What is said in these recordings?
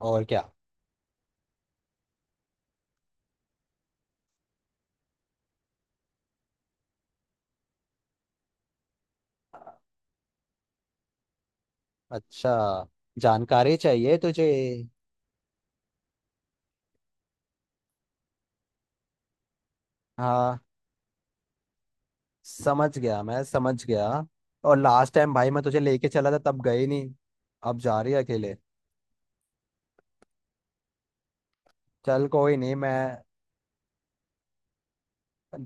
और क्या। अच्छा, जानकारी चाहिए तुझे? हाँ, समझ गया, मैं समझ गया। और लास्ट टाइम भाई मैं तुझे लेके चला था, तब गई नहीं, अब जा रही है अकेले। चल कोई नहीं, मैं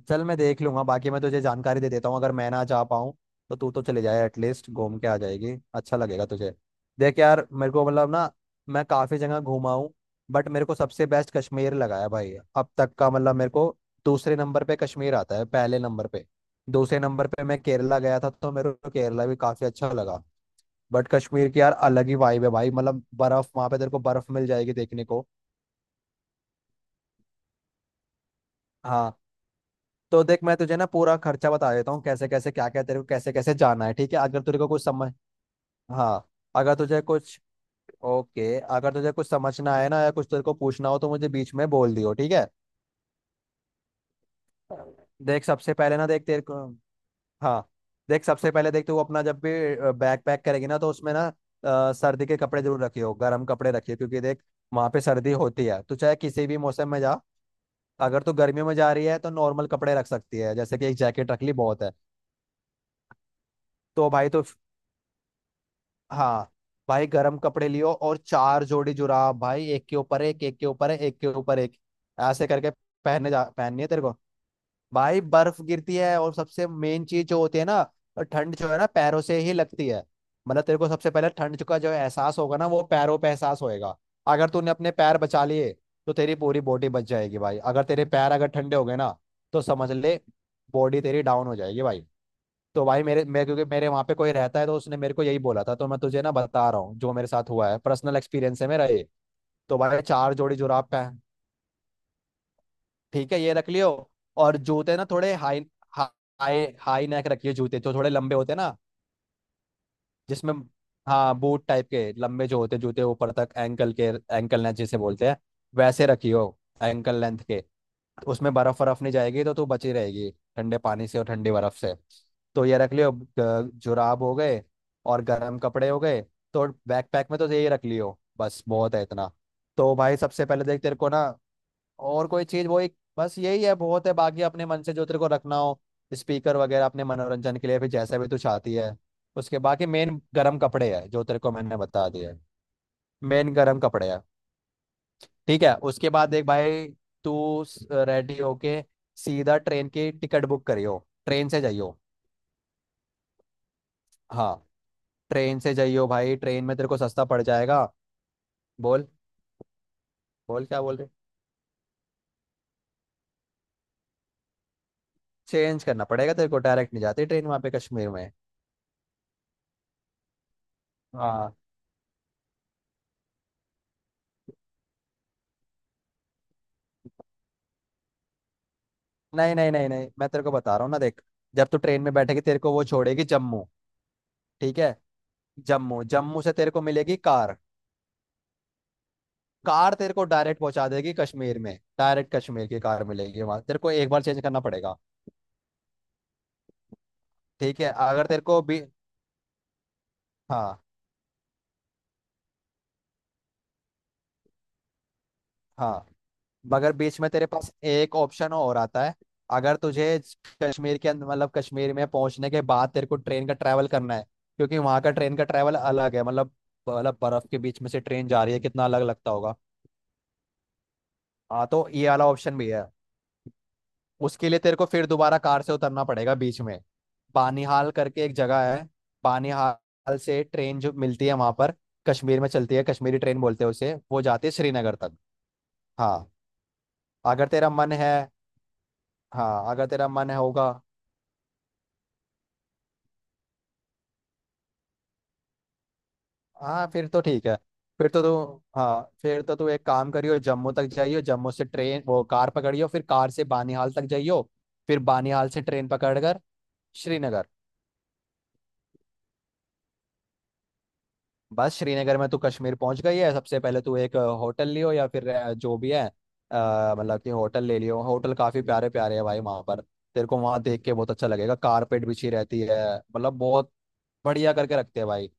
चल मैं देख लूंगा, बाकी मैं तुझे जानकारी दे देता हूँ। अगर मैं ना जा पाऊँ तो तू तो चले जाए, एटलीस्ट घूम के आ जाएगी, अच्छा लगेगा तुझे। देख यार मेरे को मतलब ना, मैं काफ़ी जगह घूमा हूँ, बट मेरे को सबसे बेस्ट कश्मीर लगा है भाई अब तक का, मतलब मेरे को दूसरे नंबर पे कश्मीर आता है। पहले नंबर पे दूसरे नंबर पे मैं केरला गया था, तो मेरे को केरला भी काफ़ी अच्छा लगा। बट कश्मीर की यार अलग ही वाइब है भाई, मतलब बर्फ़, वहाँ पे तेरे को बर्फ़ मिल जाएगी देखने को। हाँ तो देख, मैं तुझे ना पूरा खर्चा बता देता हूँ, कैसे कैसे क्या क्या तेरे को कैसे कैसे जाना है। ठीक है? अगर तेरे को कुछ समझ, हाँ, अगर तुझे कुछ, ओके, अगर तुझे कुछ समझना है ना या कुछ तेरे को पूछना हो तो मुझे बीच में बोल दियो, ठीक है? देख सबसे पहले ना, देख तेरे को, हाँ, देख सबसे पहले देख, तू अपना जब भी बैग पैक करेगी ना, तो उसमें ना सर्दी के कपड़े जरूर रखियो, गर्म कपड़े रखियो, क्योंकि देख वहाँ पे सर्दी होती है, तो चाहे किसी भी मौसम में जा। अगर तू गर्मियों में जा रही है तो नॉर्मल कपड़े रख सकती है, जैसे कि एक जैकेट रख ली बहुत है। तो भाई तो, हाँ, भाई गर्म कपड़े लियो और चार जोड़ी जुराब भाई, एक के ऊपर एक एक के ऊपर एक एक के ऊपर एक, ऐसे करके पहनने जा, पहननी है तेरे को। भाई बर्फ गिरती है और सबसे मेन चीज जो होती है ना, ठंड जो है ना पैरों से ही लगती है। मतलब तेरे को सबसे पहले ठंड का जो एहसास होगा ना वो पैरों पे एहसास होएगा। अगर तूने अपने पैर बचा लिए तो तेरी पूरी बॉडी बच जाएगी भाई। अगर तेरे पैर अगर ठंडे हो गए ना, तो समझ ले, बॉडी तेरी डाउन हो जाएगी भाई। तो भाई मेरे मेरे क्योंकि मेरे वहां पे कोई रहता है तो उसने मेरे को यही बोला था, तो मैं तुझे ना बता रहा हूँ, जो मेरे साथ हुआ है, पर्सनल एक्सपीरियंस है मेरा ये। तो भाई चार जोड़ी जुराब पहन, ठीक है, ये रख लियो। और जूते ना थोड़े हाई हाई हाई नेक रखिए, जूते जो थोड़े लंबे होते हैं ना, जिसमें, हाँ बूट टाइप के लंबे जो होते हैं जूते, ऊपर तक एंकल के, एंकल लेंथ जिसे बोलते हैं, वैसे रखियो, एंकल लेंथ के। उसमें बर्फ बर्फ नहीं जाएगी तो तू बची रहेगी ठंडे पानी से और ठंडी बर्फ से। तो ये रख लियो, जुराब हो गए और गर्म कपड़े हो गए, तो बैकपैक में तो यही रख लियो बस, बहुत है इतना। तो भाई सबसे पहले देख तेरे को ना, और कोई चीज, वो एक बस यही है, बहुत है, बाकी अपने मन से जो तेरे को रखना हो, स्पीकर वगैरह अपने मनोरंजन के लिए, फिर जैसा भी तू चाहती है। उसके बाकी मेन गर्म कपड़े है जो तेरे को मैंने बता दिया, मेन गर्म कपड़े है। ठीक है, उसके बाद देख भाई, तू रेडी होके सीधा ट्रेन की टिकट बुक करियो, ट्रेन से जाइयो, हाँ ट्रेन से जाइयो भाई, ट्रेन में तेरे को सस्ता पड़ जाएगा। बोल, बोल क्या बोल रहे। चेंज करना पड़ेगा तेरे को, डायरेक्ट नहीं जाती ट्रेन वहाँ पे कश्मीर में। हाँ, नहीं नहीं नहीं नहीं, मैं तेरे को बता रहा हूँ ना, देख, जब तू ट्रेन में बैठेगी तेरे को वो छोड़ेगी जम्मू। ठीक है, जम्मू, जम्मू से तेरे को मिलेगी कार, कार तेरे को डायरेक्ट पहुंचा देगी कश्मीर में, डायरेक्ट कश्मीर की कार मिलेगी, वहां तेरे को एक बार चेंज करना पड़ेगा। ठीक है, अगर तेरे को भी, हाँ, हाँ। मगर बीच में तेरे पास एक ऑप्शन और आता है, अगर तुझे कश्मीर के अंदर मतलब कश्मीर में पहुंचने के बाद तेरे को ट्रेन का ट्रैवल करना है, क्योंकि वहां का ट्रेन का ट्रैवल अलग है, मतलब मतलब बर्फ के बीच में से ट्रेन जा रही है, कितना अलग लगता होगा। हाँ तो ये वाला ऑप्शन भी है। उसके लिए तेरे को फिर दोबारा कार से उतरना पड़ेगा बीच में, बानिहाल करके एक जगह है, बानिहाल से ट्रेन जो मिलती है वहां पर कश्मीर में चलती है, कश्मीरी ट्रेन बोलते हैं उसे, वो जाती है श्रीनगर तक। हाँ अगर तेरा मन है, हाँ अगर तेरा मन है होगा, हाँ फिर तो ठीक है। फिर तो तू, हाँ फिर तो तू एक काम करियो, जम्मू तक जाइयो, जम्मू से ट्रेन वो कार पकड़ियो, फिर कार से बानीहाल तक जाइयो, फिर बानीहाल से ट्रेन पकड़ कर श्रीनगर। बस श्रीनगर में तू कश्मीर पहुंच गई है। सबसे पहले तू एक होटल लियो या फिर जो भी है, मतलब कि होटल ले लियो। होटल काफी प्यारे प्यारे है भाई वहां पर, तेरे को वहां देख के बहुत अच्छा लगेगा, कारपेट बिछी रहती है, मतलब बहुत बढ़िया करके रखते हैं भाई।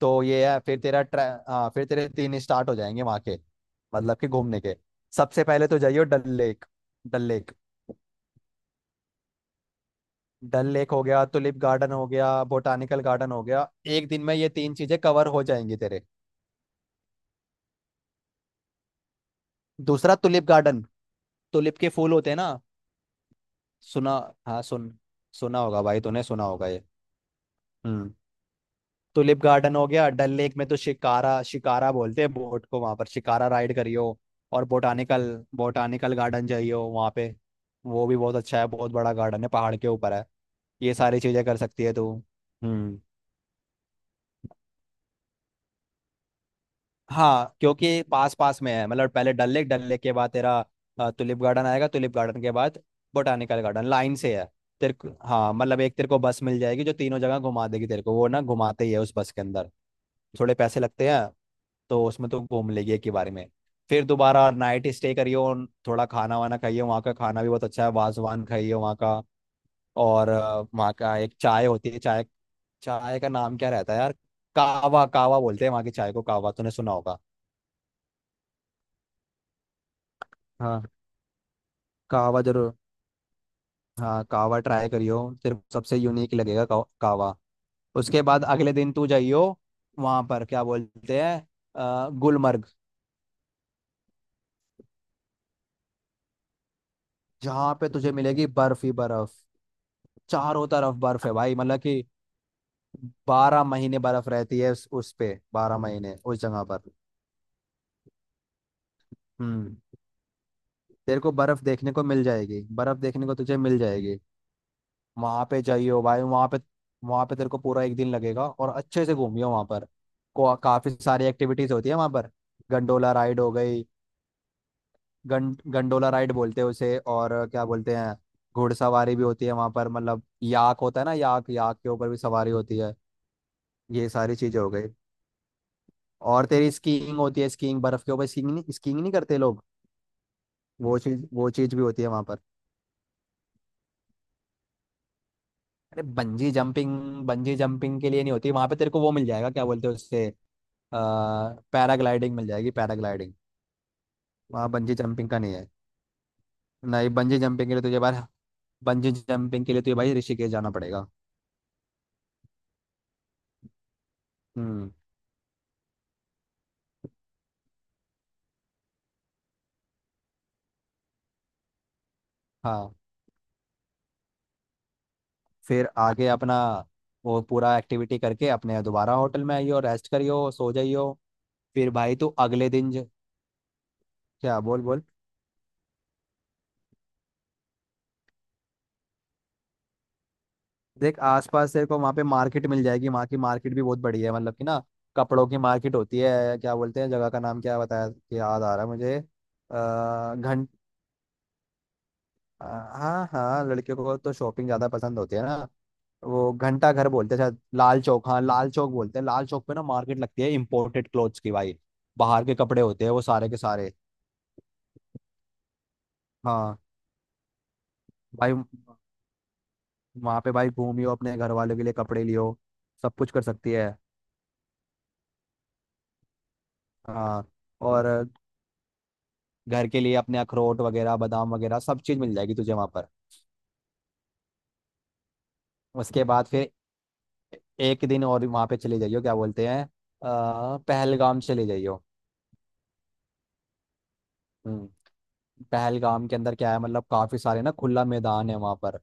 तो ये है, फिर तेरा ट्रै हाँ फिर तेरे तीन स्टार्ट हो जाएंगे वहाँ के, मतलब कि घूमने के। सबसे पहले तो जाइयो Dal lake, Dal lake. Dal lake हो गया, टुलिप गार्डन हो गया, बोटानिकल गार्डन हो गया। एक दिन में ये तीन चीजें कवर हो जाएंगी तेरे। दूसरा टुलिप गार्डन, टुलिप के फूल होते हैं ना, सुना? हाँ सुन, सुना होगा भाई तूने, सुना होगा ये। हम्म। टुलिप गार्डन हो गया, डल लेक में तो शिकारा, शिकारा बोलते हैं बोट को वहां पर, शिकारा राइड करियो। और बोटानिकल, बोटानिकल गार्डन जाइयो वहां पे, वो भी बहुत अच्छा है, बहुत बड़ा गार्डन है, पहाड़ के ऊपर है। ये सारी चीजें कर सकती है तू। हम्म। हाँ क्योंकि पास पास में है, मतलब पहले डल लेक, डल लेक के बाद तेरा टुलिप गार्डन आएगा, टुलिप गार्डन के बाद बोटानिकल गार्डन, लाइन से है तेरे को। हाँ मतलब एक तेरे को बस मिल जाएगी जो तीनों जगह घुमा देगी तेरे को, वो ना घुमाते ही है उस बस के अंदर, थोड़े पैसे लगते हैं, तो उसमें तो घूम लेगी एक ही बारे में। फिर दोबारा नाइट स्टे करियो। थोड़ा खाना वाना खाइए, वहाँ का खाना भी बहुत अच्छा है, वाजवान खाइए वहाँ का। और वहाँ का एक चाय होती है, चाय, चाय का नाम क्या रहता है यार, कावा, कावा बोलते हैं वहाँ की चाय को, कावा तूने सुना होगा। हाँ कावा जरूर, हाँ कावा ट्राई करियो, सिर्फ सबसे यूनिक लगेगा, कावा। उसके बाद अगले दिन तू जाइयो वहां पर, क्या बोलते हैं, गुलमर्ग, जहाँ पे तुझे मिलेगी बर्फ ही बर्फ। चारों तरफ बर्फ है भाई, मतलब कि बारह महीने बर्फ रहती है उस पे, बारह महीने उस जगह पर। हम्म। तेरे को बर्फ देखने को मिल जाएगी, बर्फ देखने को तुझे मिल जाएगी, वहां पे जाइयो भाई, वहां पे तेरे को पूरा एक दिन लगेगा, और अच्छे से घूमियो वहां पर। काफी सारी एक्टिविटीज होती है वहां पर, गंडोला राइड हो गई, गंडोला राइड बोलते हैं उसे, और क्या बोलते हैं, घुड़सवारी भी होती है वहां पर, मतलब याक होता है ना, याक, याक के ऊपर भी सवारी होती है, ये सारी चीजें हो गई। और तेरी स्कीइंग होती है, स्कीइंग बर्फ के ऊपर, स्कीइंग नहीं, स्कीइंग नहीं करते लोग, वो चीज भी होती है वहां पर। अरे बंजी जंपिंग, बंजी जंपिंग के लिए नहीं होती वहां पे, तेरे को वो मिल जाएगा, क्या बोलते हैं उससे, आ, पैराग्लाइडिंग मिल जाएगी, पैराग्लाइडिंग। वहाँ बंजी जंपिंग का नहीं है। नहीं बंजी जंपिंग के लिए तुझे बार बंजी जंपिंग के लिए तुझे भाई ऋषिकेश जाना पड़ेगा। हम्म, हाँ फिर आगे अपना वो पूरा एक्टिविटी करके अपने दोबारा होटल में आइयो, रेस्ट करियो, सो जाइयो। फिर भाई तू क्या बोल, बोल। देख आसपास तेरे को वहाँ पे मार्केट मिल जाएगी, वहाँ की मार्केट भी बहुत बढ़िया है, मतलब कि ना कपड़ों की मार्केट होती है, क्या बोलते हैं जगह का नाम, क्या बताया कि याद आ रहा है मुझे, घंट हाँ हाँ लड़कियों को तो शॉपिंग ज़्यादा पसंद होती है ना, वो घंटा घर बोलते हैं शायद, लाल चौक, हाँ लाल चौक बोलते हैं, लाल चौक पे ना मार्केट लगती है इम्पोर्टेड क्लोथ्स की भाई, बाहर के कपड़े होते हैं वो सारे के सारे। हाँ भाई वहाँ पे भाई घूमियो, अपने घर वालों के लिए कपड़े लियो, सब कुछ कर सकती है। हाँ और घर के लिए अपने अखरोट वगैरह बादाम वगैरह सब चीज़ मिल जाएगी तुझे वहाँ पर। उसके बाद फिर एक दिन और वहाँ पे चले जाइयो, क्या बोलते हैं, पहलगाम चले जाइयो। हम्म, पहलगाम के अंदर क्या है, मतलब काफ़ी सारे ना खुला मैदान है वहाँ पर,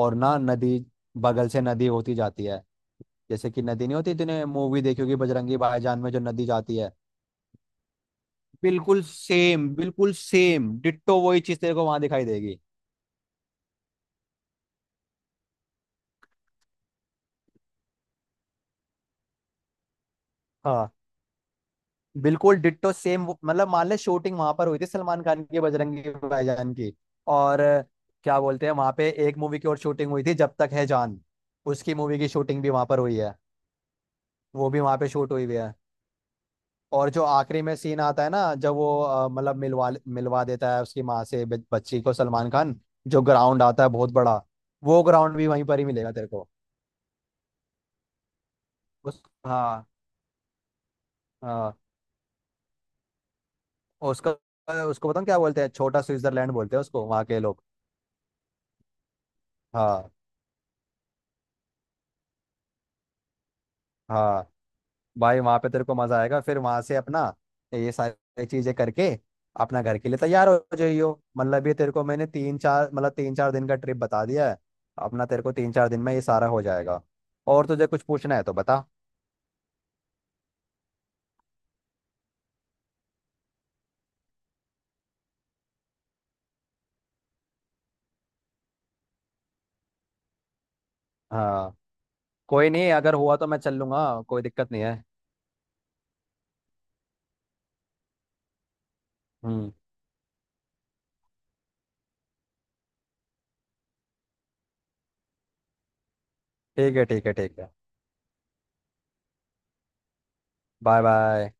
और ना नदी, बगल से नदी होती जाती है, जैसे कि नदी नहीं होती तूने मूवी देखी होगी बजरंगी भाईजान में जो नदी जाती है, बिल्कुल सेम, बिल्कुल सेम डिट्टो वही चीज़ तेरे को वहाँ दिखाई देगी। हाँ बिल्कुल डिट्टो सेम, मतलब मान ले शूटिंग वहां पर हुई थी सलमान खान की बजरंगी भाईजान की। और क्या बोलते हैं, वहां पे एक मूवी की और शूटिंग हुई थी, जब तक है जान, उसकी मूवी की शूटिंग भी वहां पर हुई है, वो भी वहां पे शूट हुई हुई है और जो आखिरी में सीन आता है ना, जब वो मतलब मिलवा मिलवा देता है उसकी माँ से बच्ची को सलमान खान, जो ग्राउंड आता है बहुत बड़ा, वो ग्राउंड भी वहीं पर ही मिलेगा तेरे को। उस, हाँ, हाँ, उसका, उसको बताऊँ क्या बोलते हैं, छोटा स्विट्जरलैंड बोलते हैं उसको वहाँ के लोग। हाँ, हाँ भाई वहां पे तेरे को मजा आएगा। फिर वहां से अपना ये सारी चीजें करके अपना घर के लिए तैयार हो जाइयो। मतलब ये तेरे को मैंने तीन चार दिन का ट्रिप बता दिया है, अपना तेरे को तीन चार दिन में ये सारा हो जाएगा, और तुझे कुछ पूछना है तो बता। हाँ कोई नहीं, अगर हुआ तो मैं चल लूंगा, कोई दिक्कत नहीं है। हम्म, ठीक है ठीक है ठीक है। Bye bye.